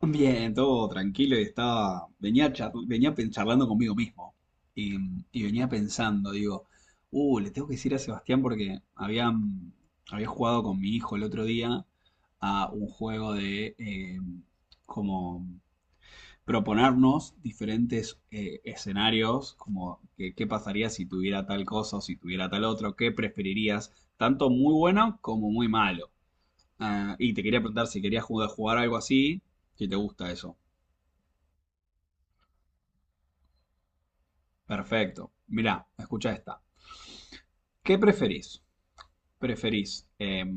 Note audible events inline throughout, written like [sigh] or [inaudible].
Bien, todo tranquilo y estaba, venía, char- venía pen- charlando conmigo mismo y, y venía pensando, digo, le tengo que decir a Sebastián porque había jugado con mi hijo el otro día a un juego de como proponernos diferentes escenarios, como qué pasaría si tuviera tal cosa o si tuviera tal otro, qué preferirías, tanto muy bueno como muy malo. Ah, y te quería preguntar si querías jugar algo así, si te gusta eso. Perfecto. Mirá, escucha esta. ¿Qué preferís? ¿Preferís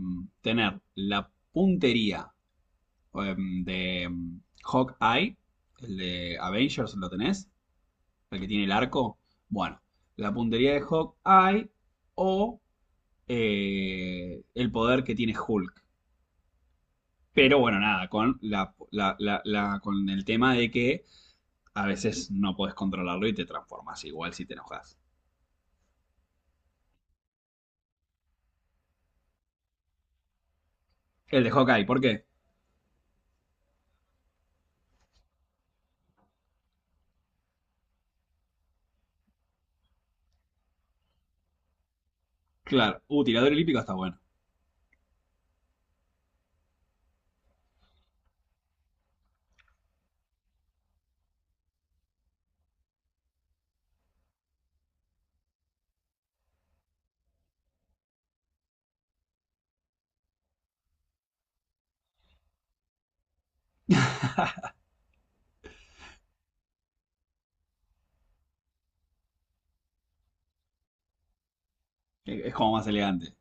tener la puntería de Hawkeye, el de Avengers, lo tenés? ¿El que tiene el arco? Bueno, la puntería de Hawkeye o el poder que tiene Hulk. Pero bueno, nada, con con el tema de que a veces no podés controlarlo y te transformas igual si te enojas. El de Hawkeye, ¿por qué? Claro, tirador olímpico está bueno. Es como más elegante.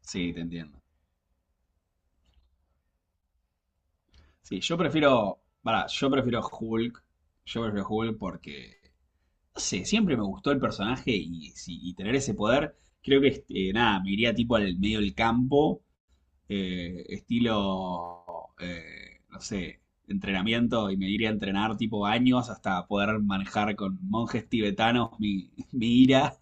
Sí, te entiendo. Sí, yo prefiero. Pará, yo prefiero Hulk. Yo prefiero Hulk porque. No sé, siempre me gustó el personaje y, si- y tener ese poder. Creo que, nada, me iría tipo al medio del campo, estilo. No sé, entrenamiento y me iría a entrenar tipo años hasta poder manejar con monjes tibetanos mi, [laughs] mi ira.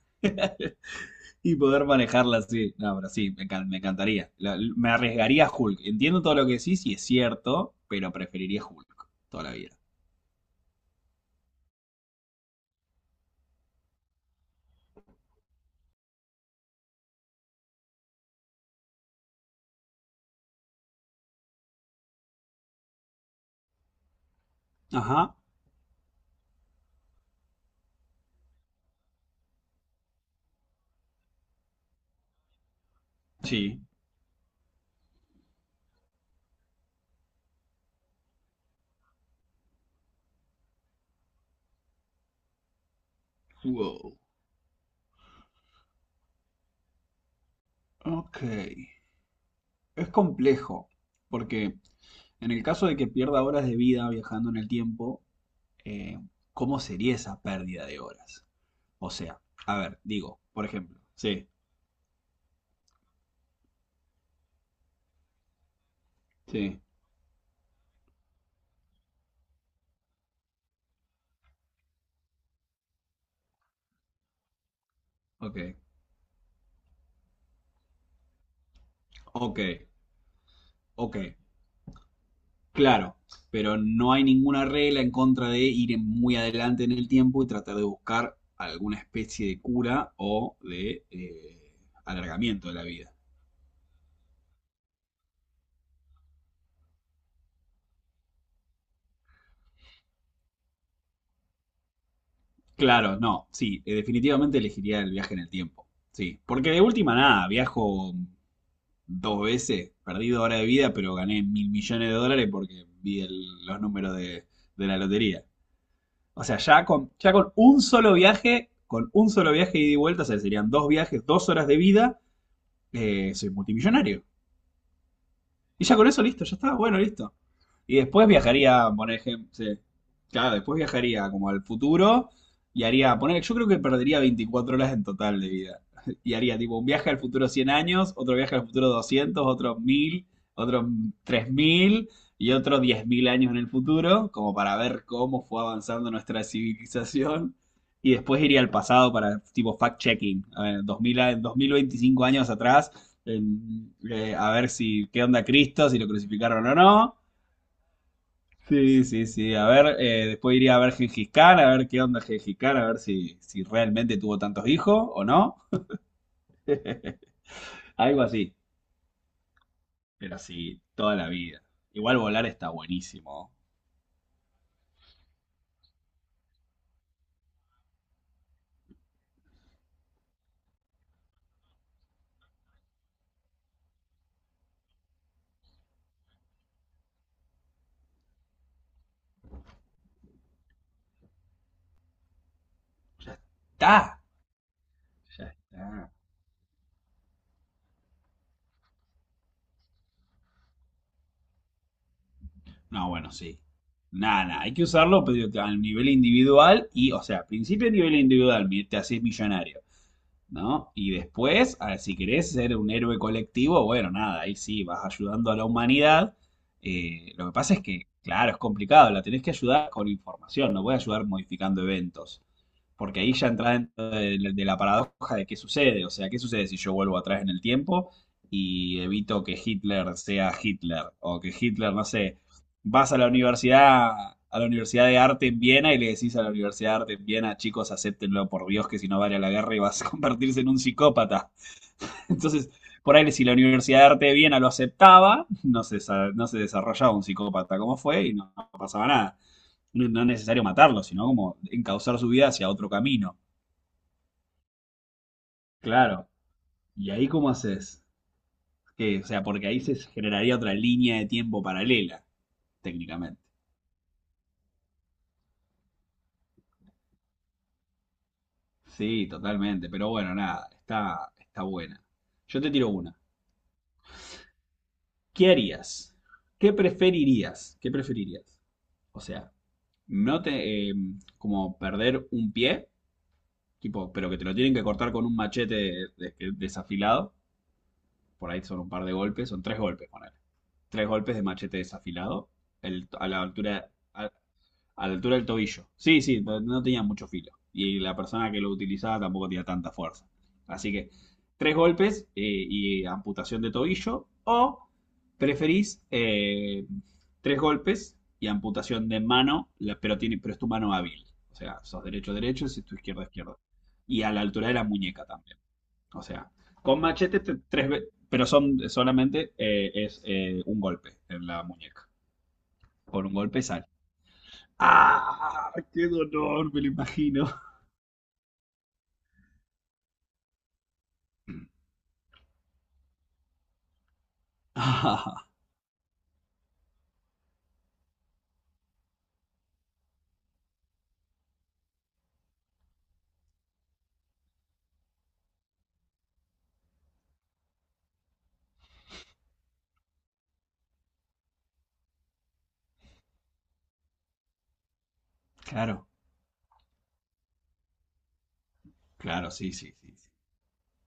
Y poder manejarla así. No, pero sí, me encantaría. Me arriesgaría a Hulk. Entiendo todo lo que decís y es cierto, pero preferiría Hulk toda la vida. Ajá. Sí. Wow. Ok. Es complejo, porque en el caso de que pierda horas de vida viajando en el tiempo, eh, ¿cómo sería esa pérdida de horas? O sea, a ver, digo, por ejemplo. Sí, sí. Ok, ok, ok. Claro, pero no hay ninguna regla en contra de ir muy adelante en el tiempo y tratar de buscar alguna especie de cura o de alargamiento de la vida. Claro, no, sí, definitivamente elegiría el viaje en el tiempo. Sí, porque de última nada, viajo 2 veces, perdí 2 horas de vida, pero gané 1.000 millones de dólares porque vi los números de la lotería. O sea, ya con un solo viaje, con un solo viaje ida y vuelta, o sea, serían 2 viajes, 2 horas de vida, soy multimillonario. Y ya con eso listo, ya está, bueno, listo. Y después viajaría, por ejemplo, sí. Claro, después viajaría como al futuro y haría, poner, yo creo que perdería 24 horas en total de vida. [laughs] Y haría tipo un viaje al futuro 100 años, otro viaje al futuro 200, otro 1000, otro 3.000 y otro 10.000 años en el futuro, como para ver cómo fue avanzando nuestra civilización. Y después iría al pasado para tipo fact-checking, a ver, 2000, 2025 años atrás, a ver si qué onda Cristo, si lo crucificaron o no. Sí, sí, sí. A ver, después iría a ver Gengis Khan, a ver qué onda Gengis Khan, a ver si realmente tuvo tantos hijos o no. Algo así. Pero sí, toda la vida. Igual volar está buenísimo. Ya está. Ya está. No, bueno, sí. Nada, nada. Hay que usarlo pero a nivel individual y, o sea, a principio a nivel individual te haces millonario, ¿no? Y después, ah, si querés ser un héroe colectivo, bueno, nada, ahí sí, vas ayudando a la humanidad. Lo que pasa es que, claro, es complicado, la tenés que ayudar con información, no puedes ayudar modificando eventos, porque ahí ya entra dentro de la paradoja de qué sucede, o sea, qué sucede si yo vuelvo atrás en el tiempo y evito que Hitler sea Hitler, o que Hitler, no sé, vas a la Universidad de Arte en Viena y le decís a la Universidad de Arte en Viena, chicos, acéptenlo por Dios que si no vale la guerra y vas a [laughs] convertirse en un psicópata. [laughs] Entonces, por ahí si la Universidad de Arte de Viena lo aceptaba, no se desarrollaba un psicópata como fue y no, no pasaba nada. No, no, es necesario matarlo, sino como encauzar su vida hacia otro camino. Claro. ¿Y ahí cómo haces? Que O sea, porque ahí se generaría otra línea de tiempo paralela, técnicamente. Sí, totalmente, pero bueno, nada, está, está buena. Yo te tiro una. ¿Qué harías? ¿Qué preferirías? ¿Qué preferirías? O sea, no te, como perder un pie, tipo, pero que te lo tienen que cortar con un machete desafilado. Por ahí son un par de golpes, son 3 golpes, ponele. 3 golpes de machete desafilado, el- a la altura, a la altura del tobillo. Sí, sí, pero no tenía mucho filo. Y la persona que lo utilizaba tampoco tenía tanta fuerza. Así que 3 golpes y amputación de tobillo. O preferís 3 golpes y amputación de mano, pero es tu mano hábil. O sea, sos derecho, derecho, y tu izquierda, izquierda. Y a la altura de la muñeca también. O sea, con machete 3 veces, pero son solamente es un golpe en la muñeca. Con un golpe. ¡Ah! ¡Qué dolor! Me lo imagino. [laughs] Ah, claro, claro, sí, sí, sí, sí.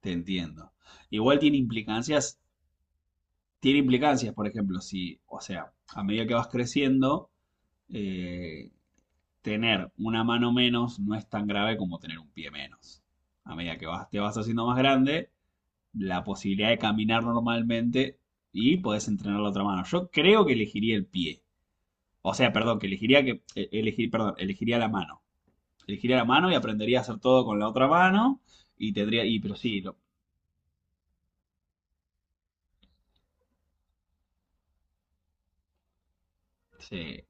Te entiendo. Igual tiene implicancias, por ejemplo, si, o sea, a medida que vas creciendo, eh, tener una mano menos no es tan grave como tener un pie menos. A medida que te vas haciendo más grande, la posibilidad de caminar normalmente y podés entrenar la otra mano. Yo creo que elegiría el pie. O sea, perdón, que elegiría que, elegir, perdón, elegiría la mano. Elegiría la mano y aprendería a hacer todo con la otra mano. Y tendría. Y, pero sí. Sí,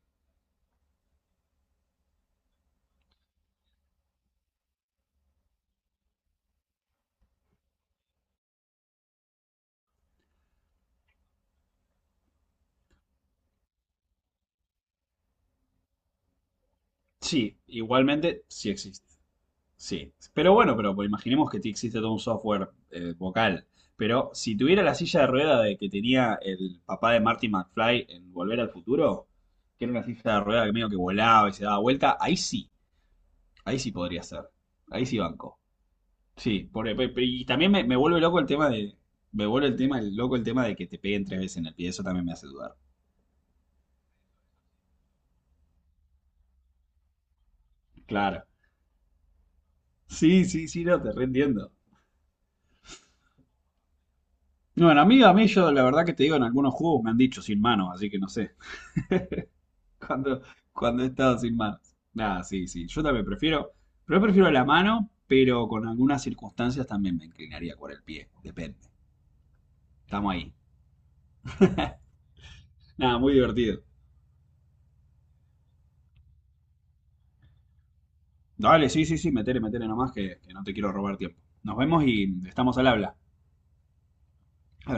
sí, igualmente sí existe. Sí. Pero bueno, pero pues, imaginemos que existe todo un software vocal. Pero si tuviera la silla de rueda de que tenía el papá de Marty McFly en Volver al Futuro, que era una silla de rueda que medio que volaba y se daba vuelta, ahí sí podría ser. Ahí sí banco. Sí, y también me vuelve loco el tema de. Me vuelve el tema, el loco el tema de que te peguen 3 veces en el pie. Eso también me hace dudar. Claro. Sí, sí, sí, no, te reentiendo. Bueno, a mí yo la verdad que te digo, en algunos juegos me han dicho sin manos, así que no sé. [laughs] Cuando, cuando he estado sin manos. Nada, sí, sí. Yo también prefiero, pero prefiero la mano, pero con algunas circunstancias también me inclinaría por el pie. Depende. Estamos ahí. Nada, muy divertido. Dale, sí, sí, sí, metele, metele nomás que no te quiero robar tiempo. Nos vemos y estamos al habla. Abrazo.